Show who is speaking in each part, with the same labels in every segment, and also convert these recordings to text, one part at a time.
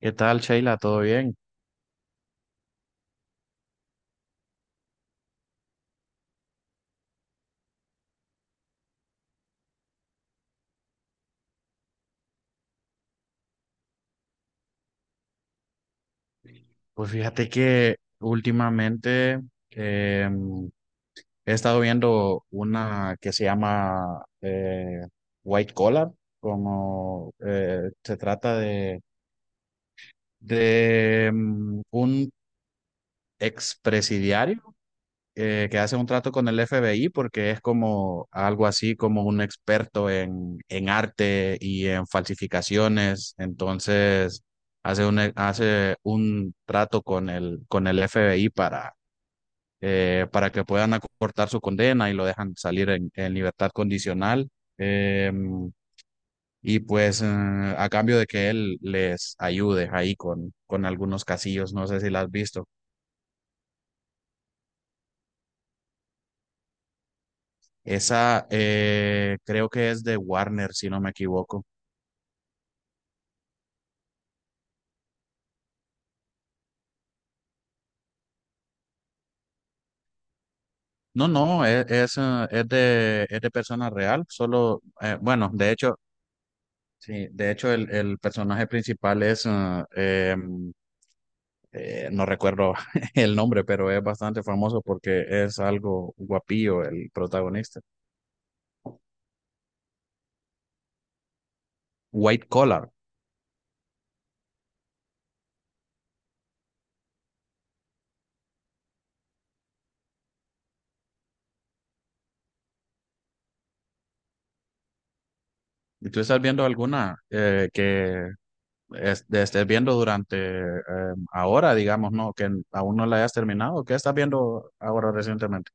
Speaker 1: ¿Qué tal, Sheila? ¿Todo bien? Pues fíjate que últimamente eh, he estado viendo una que se llama White Collar, como se trata de un expresidiario, que hace un trato con el FBI porque es como algo así como un experto en arte y en falsificaciones. Entonces hace un trato con el FBI para que puedan acortar su condena y lo dejan salir en libertad condicional. Eh, y pues eh, a cambio de que él les ayude ahí con algunos casillos, no sé si la has visto. Esa, creo que es de Warner, si no me equivoco. No, no, es, Es es de persona real, solo, bueno, de hecho, sí, de hecho el personaje principal es, eh, em, no recuerdo el nombre, pero es bastante famoso porque es algo guapillo el protagonista. White Collar. ¿Y tú estás viendo alguna que estés viendo durante ahora, digamos, no, que aún no la hayas terminado? ¿Qué estás viendo ahora recientemente?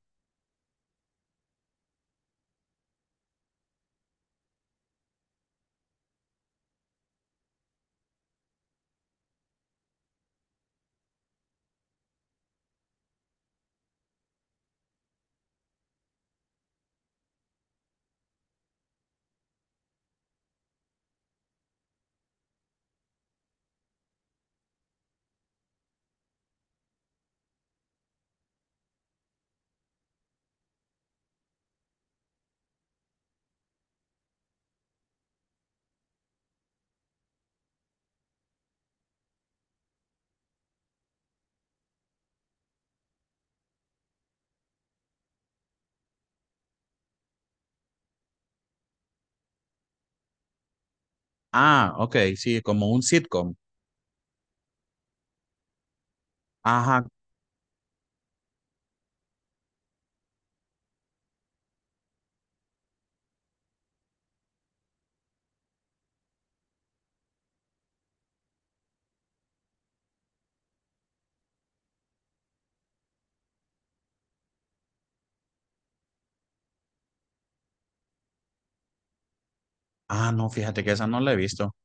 Speaker 1: Ah, ok, sí, como un sitcom. Ajá. Ah, no, fíjate que esa no la he visto.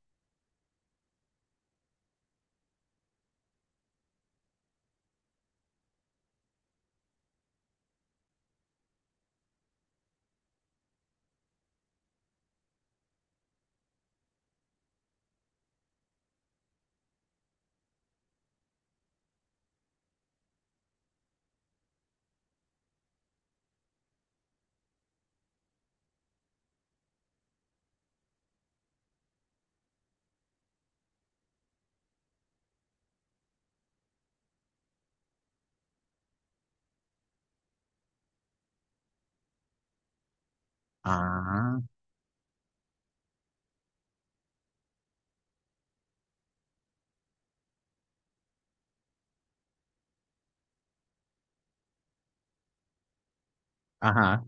Speaker 1: Ah, ajá.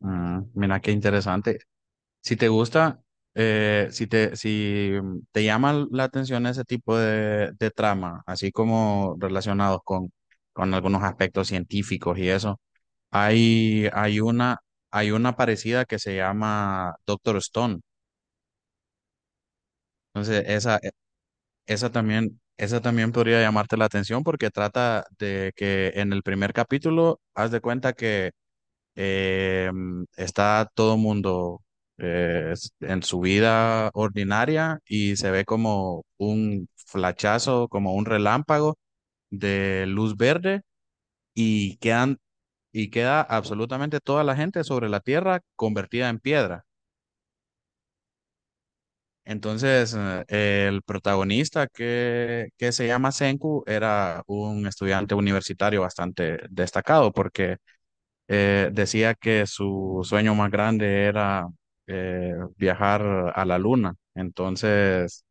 Speaker 1: Mm, mira qué interesante. Si te gusta, si te llama la atención ese tipo de trama, así como relacionados con algunos aspectos científicos y eso, hay, hay una, hay una parecida que se llama Doctor Stone. Entonces, esa también, esa también podría llamarte la atención porque trata de que en el primer capítulo haz de cuenta que eh, está todo mundo en su vida ordinaria y se ve como un flachazo, como un relámpago de luz verde y quedan, y queda absolutamente toda la gente sobre la tierra convertida en piedra. Entonces, el protagonista que se llama Senku era un estudiante universitario bastante destacado porque decía que su sueño más grande era viajar a la luna. Entonces,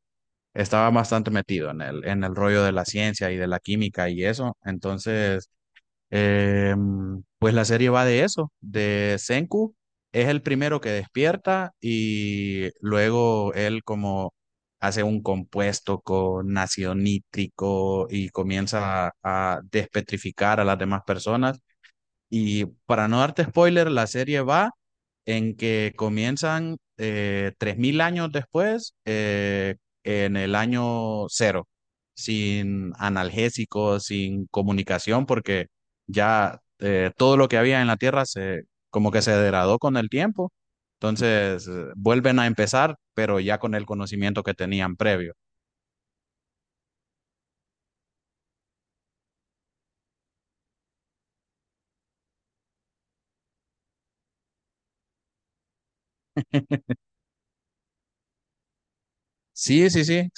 Speaker 1: estaba bastante metido en el rollo de la ciencia y de la química y eso. Entonces, eh, pues la serie va de eso, de Senku, es el primero que despierta y luego él como hace un compuesto con ácido nítrico y comienza a despetrificar a las demás personas y para no darte spoiler, la serie va en que comienzan 3.000 años después, en el año cero, sin analgésicos, sin comunicación, porque ya todo lo que había en la Tierra se, como que se degradó con el tiempo. Entonces, vuelven a empezar, pero ya con el conocimiento que tenían previo. Sí, sí, sí.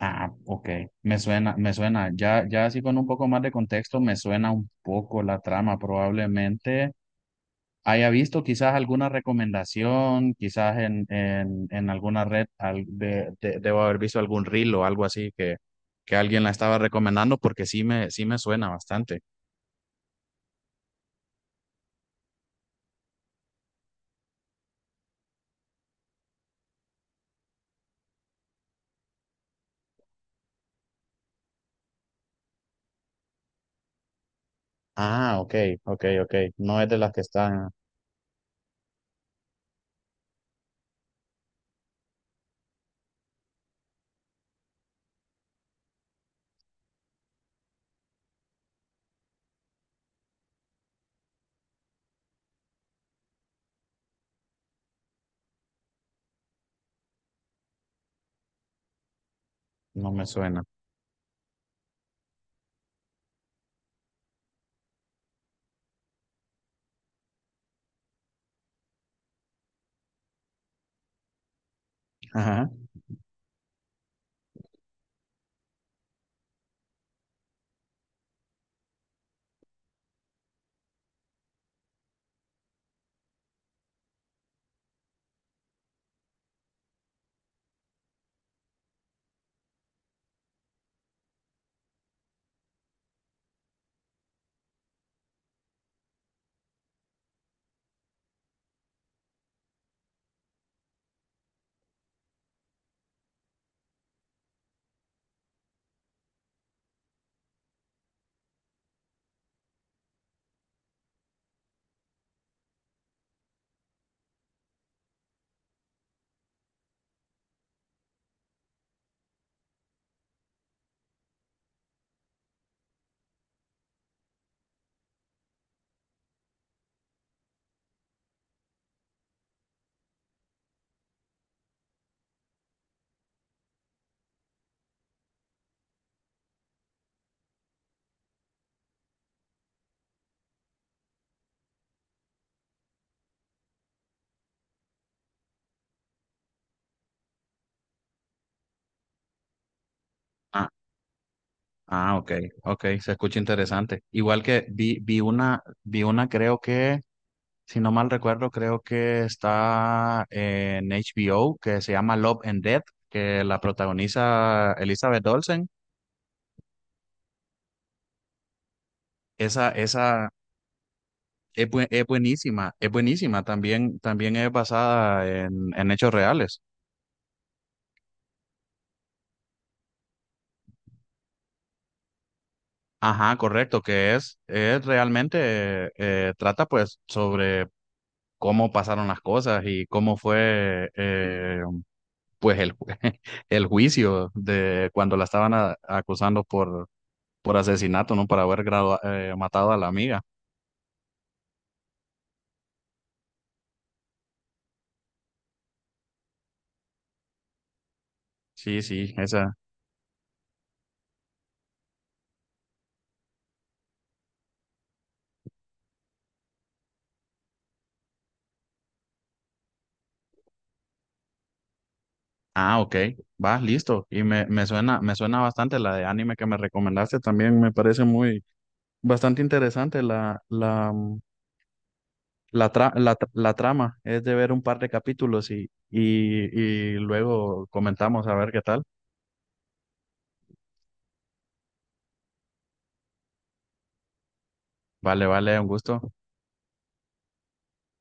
Speaker 1: Ah, ok, me suena, me suena. Ya, ya así con un poco más de contexto, me suena un poco la trama. Probablemente haya visto quizás alguna recomendación, quizás en alguna red, debo haber visto algún reel o algo así que alguien la estaba recomendando porque sí me suena bastante. Ah, ok, ok, ok. No es de las que están, no me suena. Ajá. Ah, ah, ok, ok, se escucha interesante. Igual que vi, vi una creo que, si no mal recuerdo, creo que está en HBO, que se llama Love and Death, que la protagoniza Elizabeth Olsen. Esa es, es buenísima, es buenísima. También, también es basada en hechos reales. Ajá, correcto, es realmente, trata pues sobre cómo pasaron las cosas y cómo fue, pues el, el juicio de cuando la estaban acusando por asesinato, ¿no? Por haber matado a la amiga. Sí, sí, esa. Ah, ok, va, listo. Y me, me suena bastante la de anime que me recomendaste también, me parece muy, bastante interesante la, la, mm, la, tra- la, tra- la trama. Es de ver un par de capítulos y luego comentamos a ver qué tal. Vale, vale, un gusto.